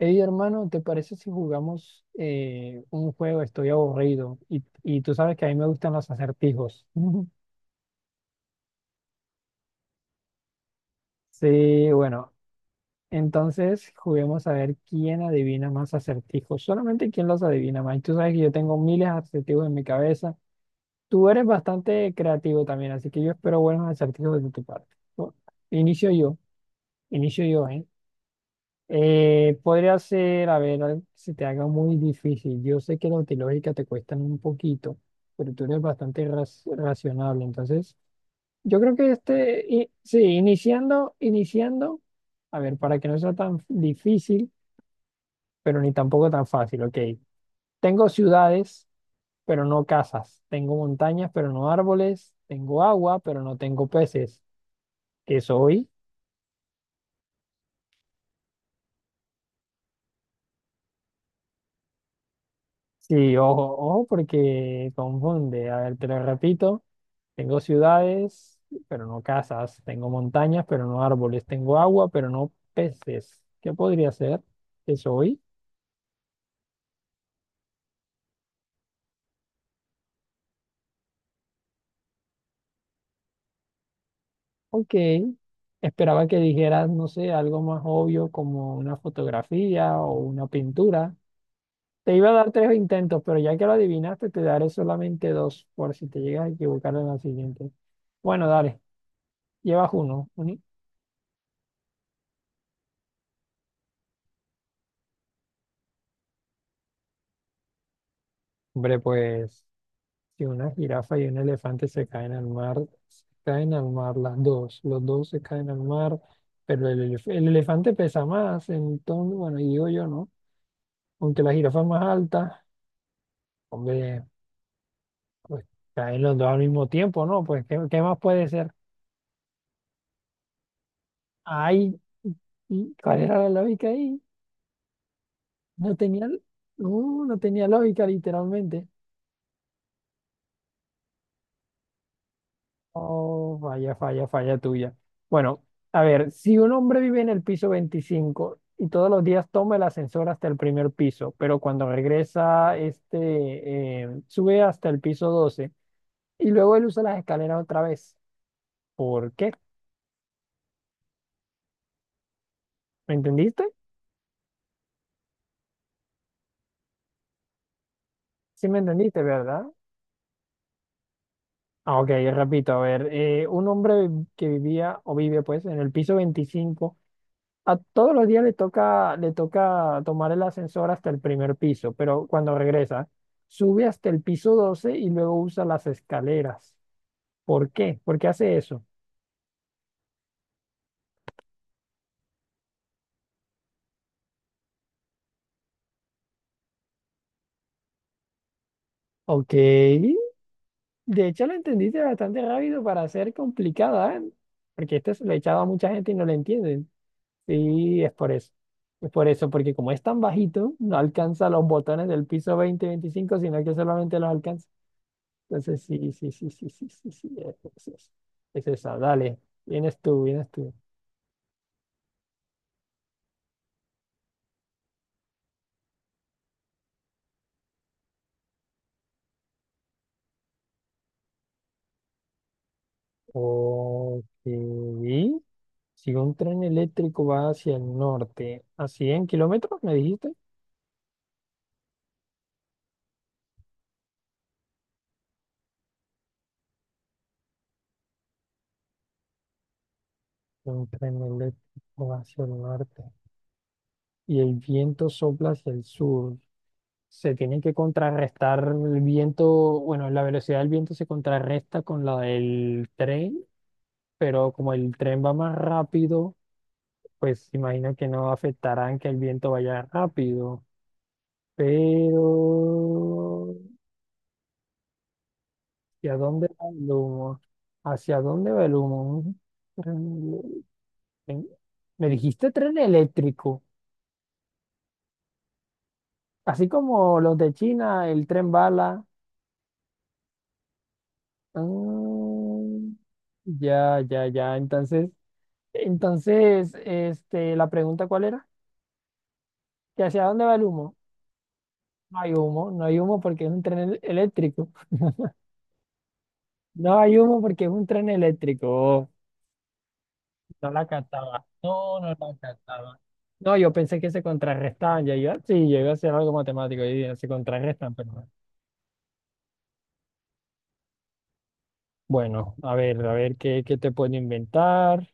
Hey, hermano, ¿te parece si jugamos un juego? Estoy aburrido y tú sabes que a mí me gustan los acertijos. Sí, bueno, entonces juguemos a ver quién adivina más acertijos. Solamente quién los adivina más. Y tú sabes que yo tengo miles de acertijos en mi cabeza. Tú eres bastante creativo también, así que yo espero buenos acertijos de tu parte. Bu- Inicio yo, inicio yo, ¿eh? Podría ser, a ver, algo que se te haga muy difícil. Yo sé que los de lógica te cuestan un poquito, pero tú eres bastante racional. Entonces, yo creo que este, sí, iniciando, a ver, para que no sea tan difícil, pero ni tampoco tan fácil, ok. Tengo ciudades, pero no casas. Tengo montañas, pero no árboles. Tengo agua, pero no tengo peces. ¿Qué soy? Sí, ojo, ojo, porque confunde. A ver, te lo repito. Tengo ciudades, pero no casas. Tengo montañas, pero no árboles. Tengo agua, pero no peces. ¿Qué podría ser? ¿Qué soy? Ok. Esperaba que dijeras, no sé, algo más obvio como una fotografía o una pintura. Te iba a dar tres intentos, pero ya que lo adivinaste, te daré solamente dos por si te llegas a equivocar en la siguiente. Bueno, dale, llevas uno. Uni. Hombre, pues. Si una jirafa y un elefante se caen al mar, se caen al mar las dos, los dos se caen al mar, pero el elefante pesa más, entonces, bueno, digo yo, ¿no? Aunque la jirafa es más alta, hombre, pues caen los dos al mismo tiempo, ¿no? Pues, ¿qué más puede ser? Ay, ¿y cuál era la lógica ahí? No tenía, no, no tenía lógica, literalmente. Oh, falla, falla, falla tuya. Bueno, a ver, si un hombre vive en el piso 25 y todos los días toma el ascensor hasta el primer piso, pero cuando regresa, este, sube hasta el piso 12 y luego él usa las escaleras otra vez. ¿Por qué? ¿Me entendiste? Sí, me entendiste, ¿verdad? Ah, ok, repito, a ver, un hombre que vivía o vive pues en el piso 25. A todos los días le toca tomar el ascensor hasta el primer piso, pero cuando regresa, sube hasta el piso 12 y luego usa las escaleras. ¿Por qué? ¿Por qué hace eso? Ok, de hecho lo entendiste bastante rápido para ser complicada, ¿eh? Porque esto se lo he echado a mucha gente y no lo entienden. Sí, es por eso. Es por eso, porque como es tan bajito, no alcanza los botones del piso 20 y 25, sino que solamente los alcanza. Entonces, sí, sí, sí, sí, sí, sí, sí, es esa. Dale, vienes tú, vienes tú. Ok. Si un tren eléctrico va hacia el norte, ¿a 100 kilómetros me dijiste? Un tren eléctrico va hacia el norte y el viento sopla hacia el sur. Se tiene que contrarrestar el viento, bueno, la velocidad del viento se contrarresta con la del tren, pero como el tren va más rápido pues imagino que no afectarán que el viento vaya rápido. Pero, ¿hacia dónde va el humo? ¿Hacia dónde va el humo? Un tren- Me dijiste tren eléctrico, así como los de China, el tren bala. Ah, ya, ya, ya. Entonces, entonces, este, la pregunta ¿cuál era? ¿Que hacia dónde va el humo? No hay humo, no hay humo porque es un tren eléctrico. No hay humo porque es un tren eléctrico. No la captaba, no, no la captaba. No, yo pensé que se contrarrestaban, ya iba, sí, llega a ser algo matemático, y dije, se contrarrestan, pero no. Bueno, a ver qué te puedo inventar.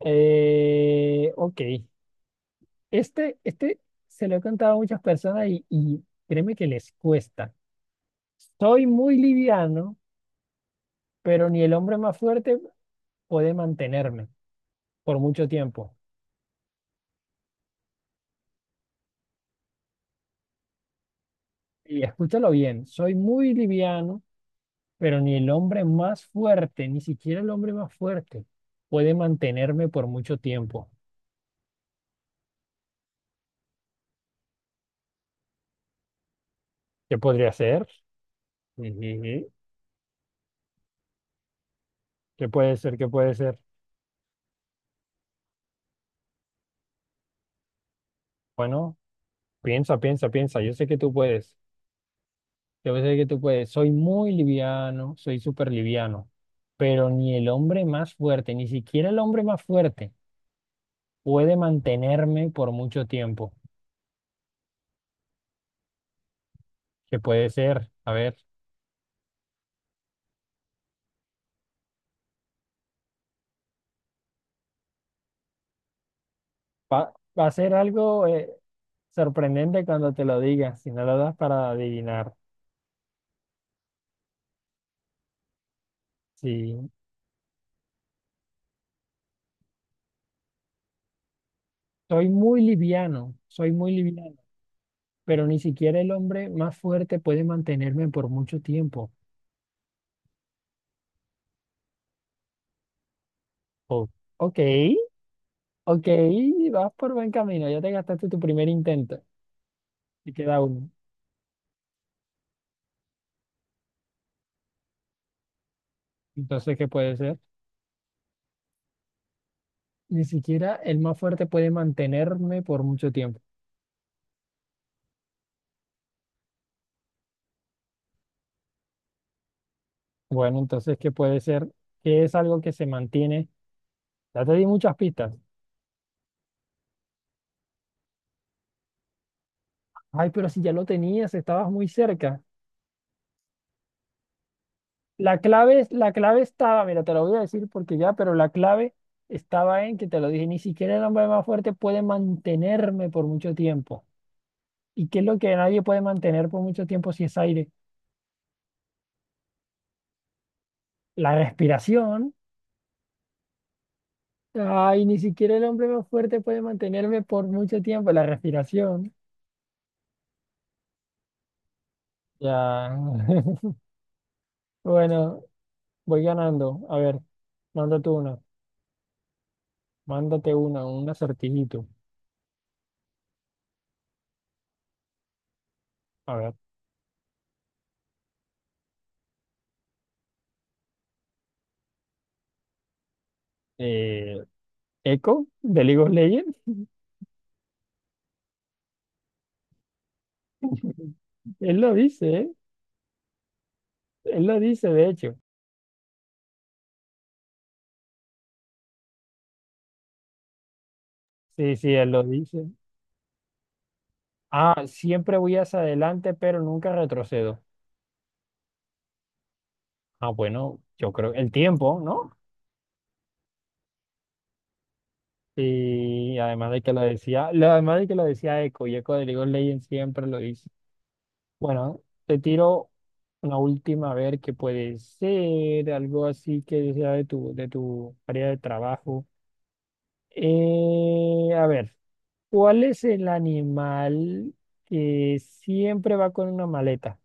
Ok, este se lo he contado a muchas personas y créeme que les cuesta. Soy muy liviano, pero ni el hombre más fuerte puede mantenerme por mucho tiempo. Y escúchalo bien, soy muy liviano. Pero ni el hombre más fuerte, ni siquiera el hombre más fuerte, puede mantenerme por mucho tiempo. ¿Qué podría ser? Ujujú. ¿Qué puede ser? ¿Qué puede ser? Bueno, piensa, piensa, piensa. Yo sé que tú puedes. Yo sé que tú puedes. Soy muy liviano, soy súper liviano. Pero ni el hombre más fuerte, ni siquiera el hombre más fuerte, puede mantenerme por mucho tiempo. ¿Qué puede ser? A ver, va, va a ser algo sorprendente cuando te lo diga, si no lo das para adivinar. Sí, soy muy liviano, pero ni siquiera el hombre más fuerte puede mantenerme por mucho tiempo. Oh, ok, ok, vas por buen camino, ya te gastaste tu primer intento y queda uno. Entonces, ¿qué puede ser? Ni siquiera el más fuerte puede mantenerme por mucho tiempo. Bueno, entonces, ¿qué puede ser? ¿Qué es algo que se mantiene? Ya te di muchas pistas. Ay, pero si ya lo tenías, estabas muy cerca. La clave, la clave estaba, mira, te lo voy a decir porque ya, pero la clave estaba en que te lo dije, ni siquiera el hombre más fuerte puede mantenerme por mucho tiempo. ¿Y qué es lo que nadie puede mantener por mucho tiempo si es aire? La respiración. Ay, ni siquiera el hombre más fuerte puede mantenerme por mucho tiempo, la respiración. Ya. Bueno, voy ganando. A ver, mándate una, mándate una, un acertijito. A ver, eh, Echo de League of Legends, él lo dice, ¿eh? Él lo dice, de hecho. Sí, sí, él lo dice. Ah, siempre voy hacia adelante, pero nunca retrocedo. Ah, bueno, yo creo el tiempo, ¿no? Y además de que lo decía, además de que lo decía Echo, y Eco de League of Legends siempre lo dice. Bueno, te tiro una última a ver qué puede ser, algo así que sea de tu, área de trabajo. A ver, ¿cuál es el animal que siempre va con una maleta?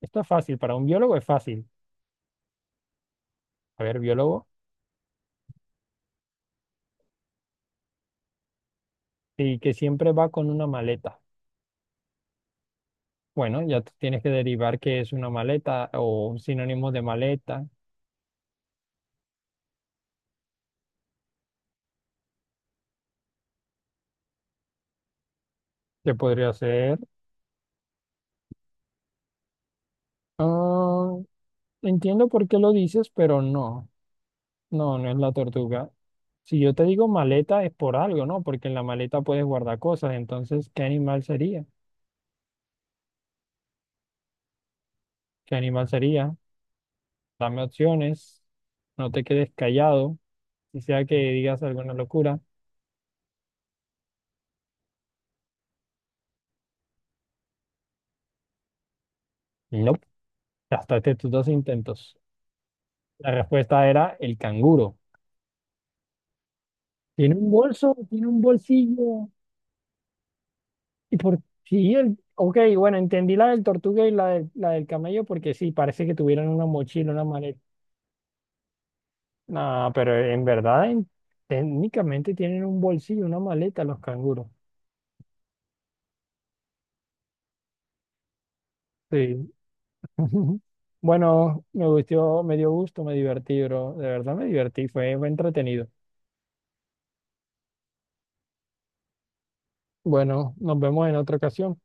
Esto es fácil, para un biólogo es fácil. A ver, biólogo, y que siempre va con una maleta. Bueno, ya tú tienes que derivar qué es una maleta o un sinónimo de maleta. ¿Qué podría ser? Ah, entiendo por qué lo dices, pero no, no, no es la tortuga. Si yo te digo maleta es por algo, ¿no? Porque en la maleta puedes guardar cosas. Entonces, ¿qué animal sería? ¿Qué animal sería? Dame opciones. No te quedes callado. Si sea que digas alguna locura. No, hasta estos dos intentos. La respuesta era el canguro. Tiene un bolso, tiene un bolsillo. Y por sí, el, ok, bueno, entendí la del tortuga y la del camello porque sí, parece que tuvieran una mochila, una maleta. No, pero en verdad, técnicamente tienen un bolsillo, una maleta los canguros. Sí. Bueno, me gustó, me dio gusto, me divertí, bro. De verdad me divertí, fue entretenido. Bueno, nos vemos en otra ocasión.